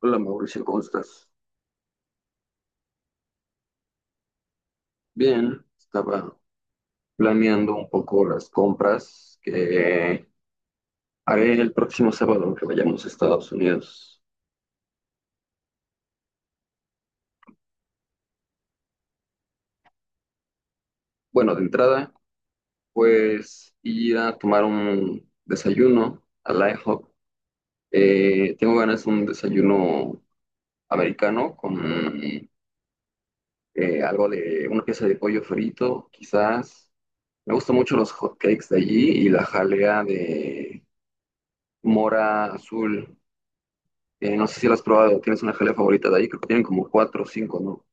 Hola Mauricio, ¿cómo estás? Bien, estaba planeando un poco las compras que haré el próximo sábado que vayamos a Estados Unidos. Bueno, de entrada, pues ir a tomar un desayuno al IHOP. Tengo ganas de un desayuno americano con algo de una pieza de pollo frito, quizás. Me gustan mucho los hot cakes de allí y la jalea de mora azul. No sé si la has probado, tienes una jalea favorita de ahí, creo que tienen como cuatro o cinco, ¿no?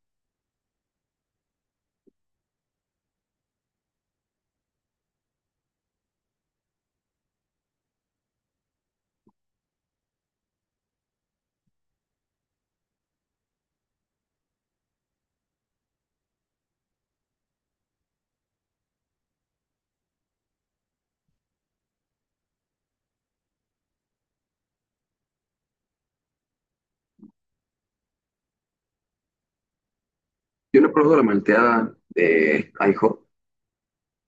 Yo no he probado la malteada de IHOP.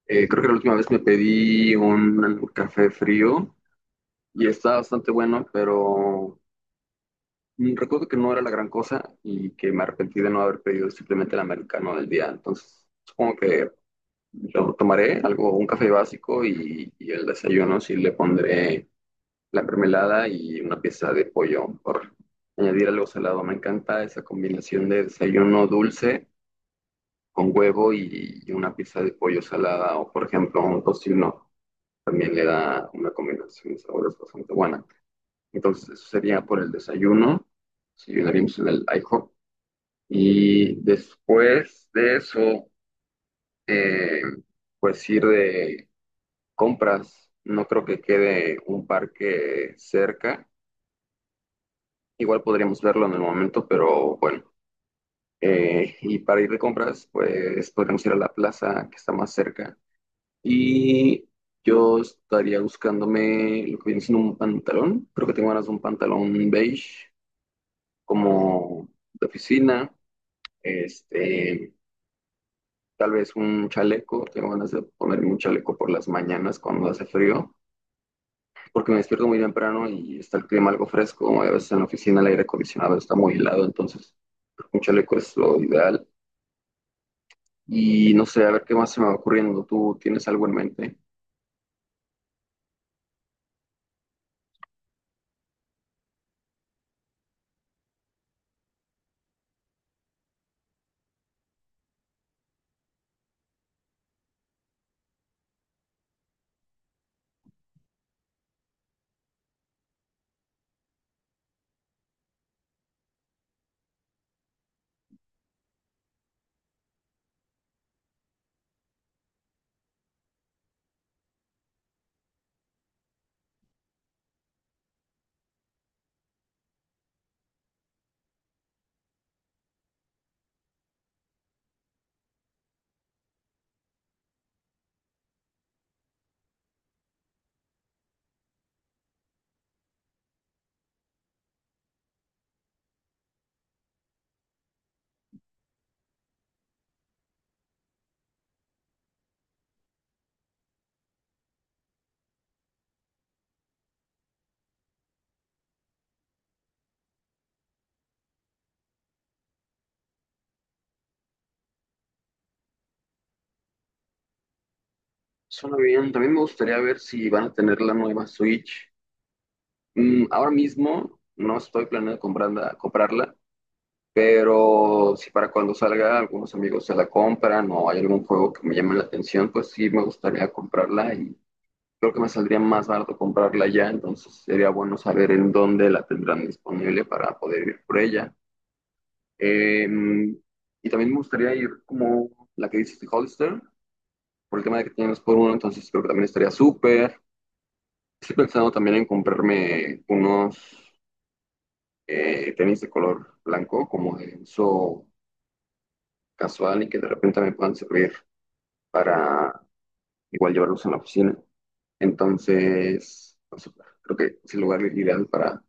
Creo que la última vez me pedí un café frío y está bastante bueno, pero recuerdo que no era la gran cosa y que me arrepentí de no haber pedido simplemente el americano del día. Entonces, supongo que yo tomaré algo, un café básico y el desayuno sí le pondré la mermelada y una pieza de pollo por añadir algo salado. Me encanta esa combinación de desayuno dulce con huevo y una pieza de pollo salada o, por ejemplo, un tocino. También le da una combinación de sabores bastante buena. Entonces, eso sería por el desayuno. Desayunaríamos en el IHOP. Y después de eso, eh, pues ir de compras. No creo que quede un parque cerca. Igual podríamos verlo en el momento, pero bueno. Y para ir de compras, pues podríamos ir a la plaza que está más cerca. Y yo estaría buscándome lo que viene siendo un pantalón. Creo que tengo ganas de un pantalón beige, como de oficina. Este, Tal vez un chaleco. Tengo ganas de ponerme un chaleco por las mañanas cuando hace frío, porque me despierto muy temprano y está el clima algo fresco. A veces en la oficina el aire acondicionado está muy helado, entonces un chaleco es lo ideal. Y no sé, a ver qué más se me va ocurriendo. ¿Tú tienes algo en mente? Suena bien. También me gustaría ver si van a tener la nueva Switch. Mm, ahora mismo no estoy planeando comprarla, pero si para cuando salga algunos amigos se la compran o hay algún juego que me llame la atención, pues sí me gustaría comprarla y creo que me saldría más barato comprarla ya. Entonces sería bueno saber en dónde la tendrán disponible para poder ir por ella. Em, y también me gustaría ir como la que dices de Hollister, por el tema de que tienes por uno, entonces creo que también estaría súper. Estoy pensando también en comprarme unos tenis de color blanco, como de uso casual y que de repente me puedan servir para igual llevarlos en la oficina. Entonces, no sé, creo que es el lugar ideal para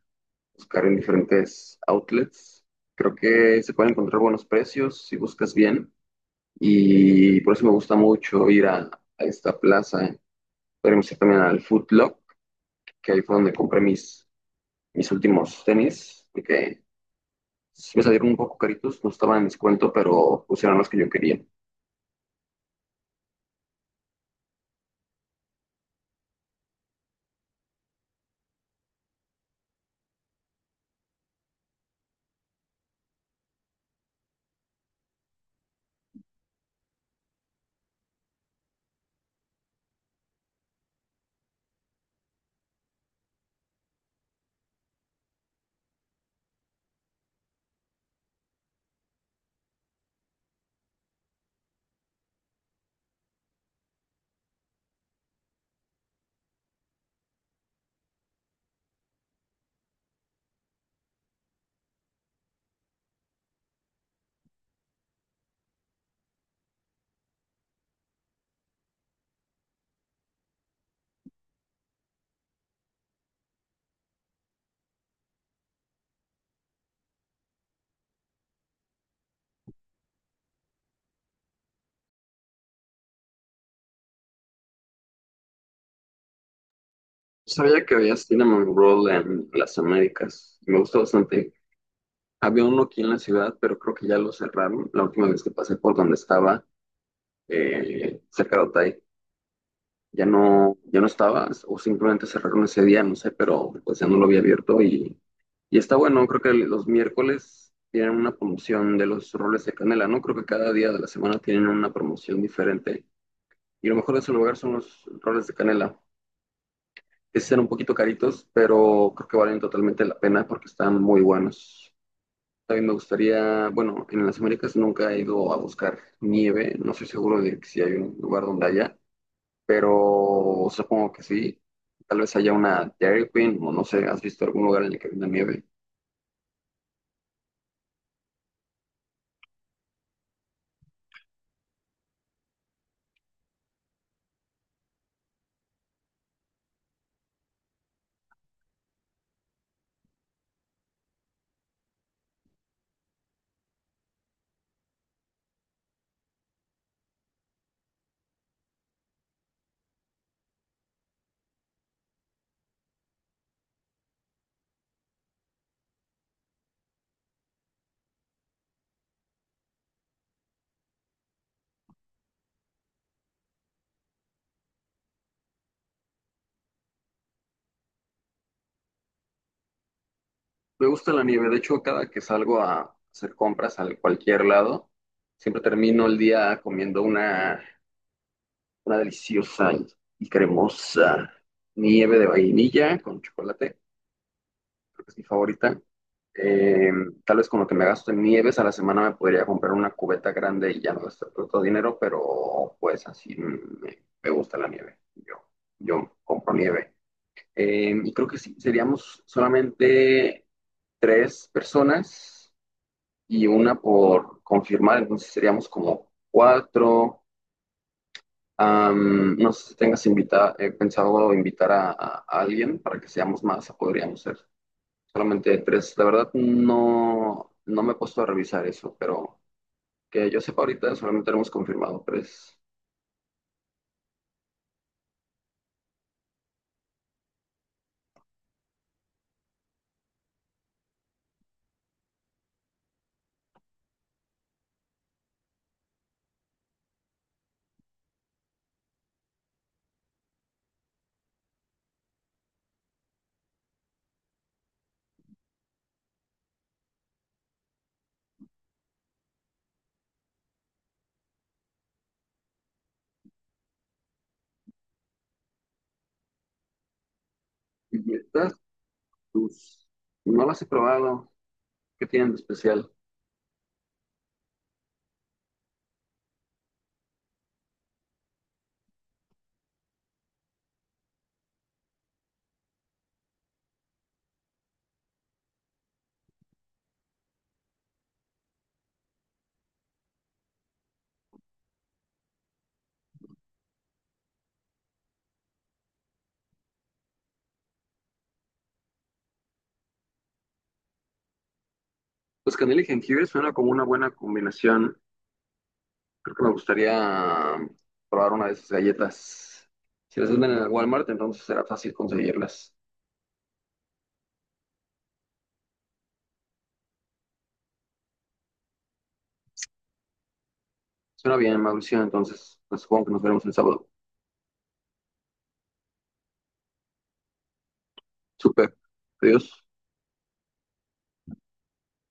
buscar en diferentes outlets. Creo que se pueden encontrar buenos precios si buscas bien. Y por eso me gusta mucho ir a esta plaza. Podemos ir también al Foot Lock, que ahí fue donde compré mis últimos tenis, porque sí me salieron un poco caritos, no estaban en descuento, pero pues eran los que yo quería. Sabía que había Cinnamon Roll en las Américas, y me gustó bastante. Había uno aquí en la ciudad, pero creo que ya lo cerraron. La última vez que pasé por donde estaba, cerca de Otay, ya no, ya no estaba, o simplemente cerraron ese día, no sé, pero pues ya no lo había abierto y está bueno, creo que los miércoles tienen una promoción de los roles de canela, ¿no? Creo que cada día de la semana tienen una promoción diferente y lo mejor de ese lugar son los roles de canela, que sí son un poquito caritos, pero creo que valen totalmente la pena porque están muy buenos. También me gustaría, bueno, en las Américas nunca he ido a buscar nieve, no estoy seguro de que si hay un lugar donde haya, pero supongo que sí. Tal vez haya una Dairy Queen o no sé, ¿has visto algún lugar en el que venda nieve? Me gusta la nieve, de hecho, cada que salgo a hacer compras a cualquier lado, siempre termino el día comiendo una deliciosa y cremosa nieve de vainilla con chocolate. Creo que es mi favorita. Eh, Tal vez con lo que me gasto en nieves a la semana me podría comprar una cubeta grande y ya no gastar tanto dinero, pero pues así me, me gusta la nieve. Yo compro nieve. Y creo que sí, seríamos solamente tres personas y una por confirmar, entonces seríamos como cuatro. No sé si tengas pensado invitar a alguien para que seamos más, podríamos ser solamente tres. La verdad no, no me he puesto a revisar eso, pero que yo sepa ahorita solamente hemos confirmado tres. Y estas, pues, no las he probado. ¿Qué tienen de especial? Pues canela y jengibre suena como una buena combinación. Creo que me gustaría probar una de esas galletas. Si las venden en el Walmart, entonces será fácil conseguirlas. Suena bien, Mauricio, entonces pues, supongo que nos veremos el sábado. Súper. Adiós.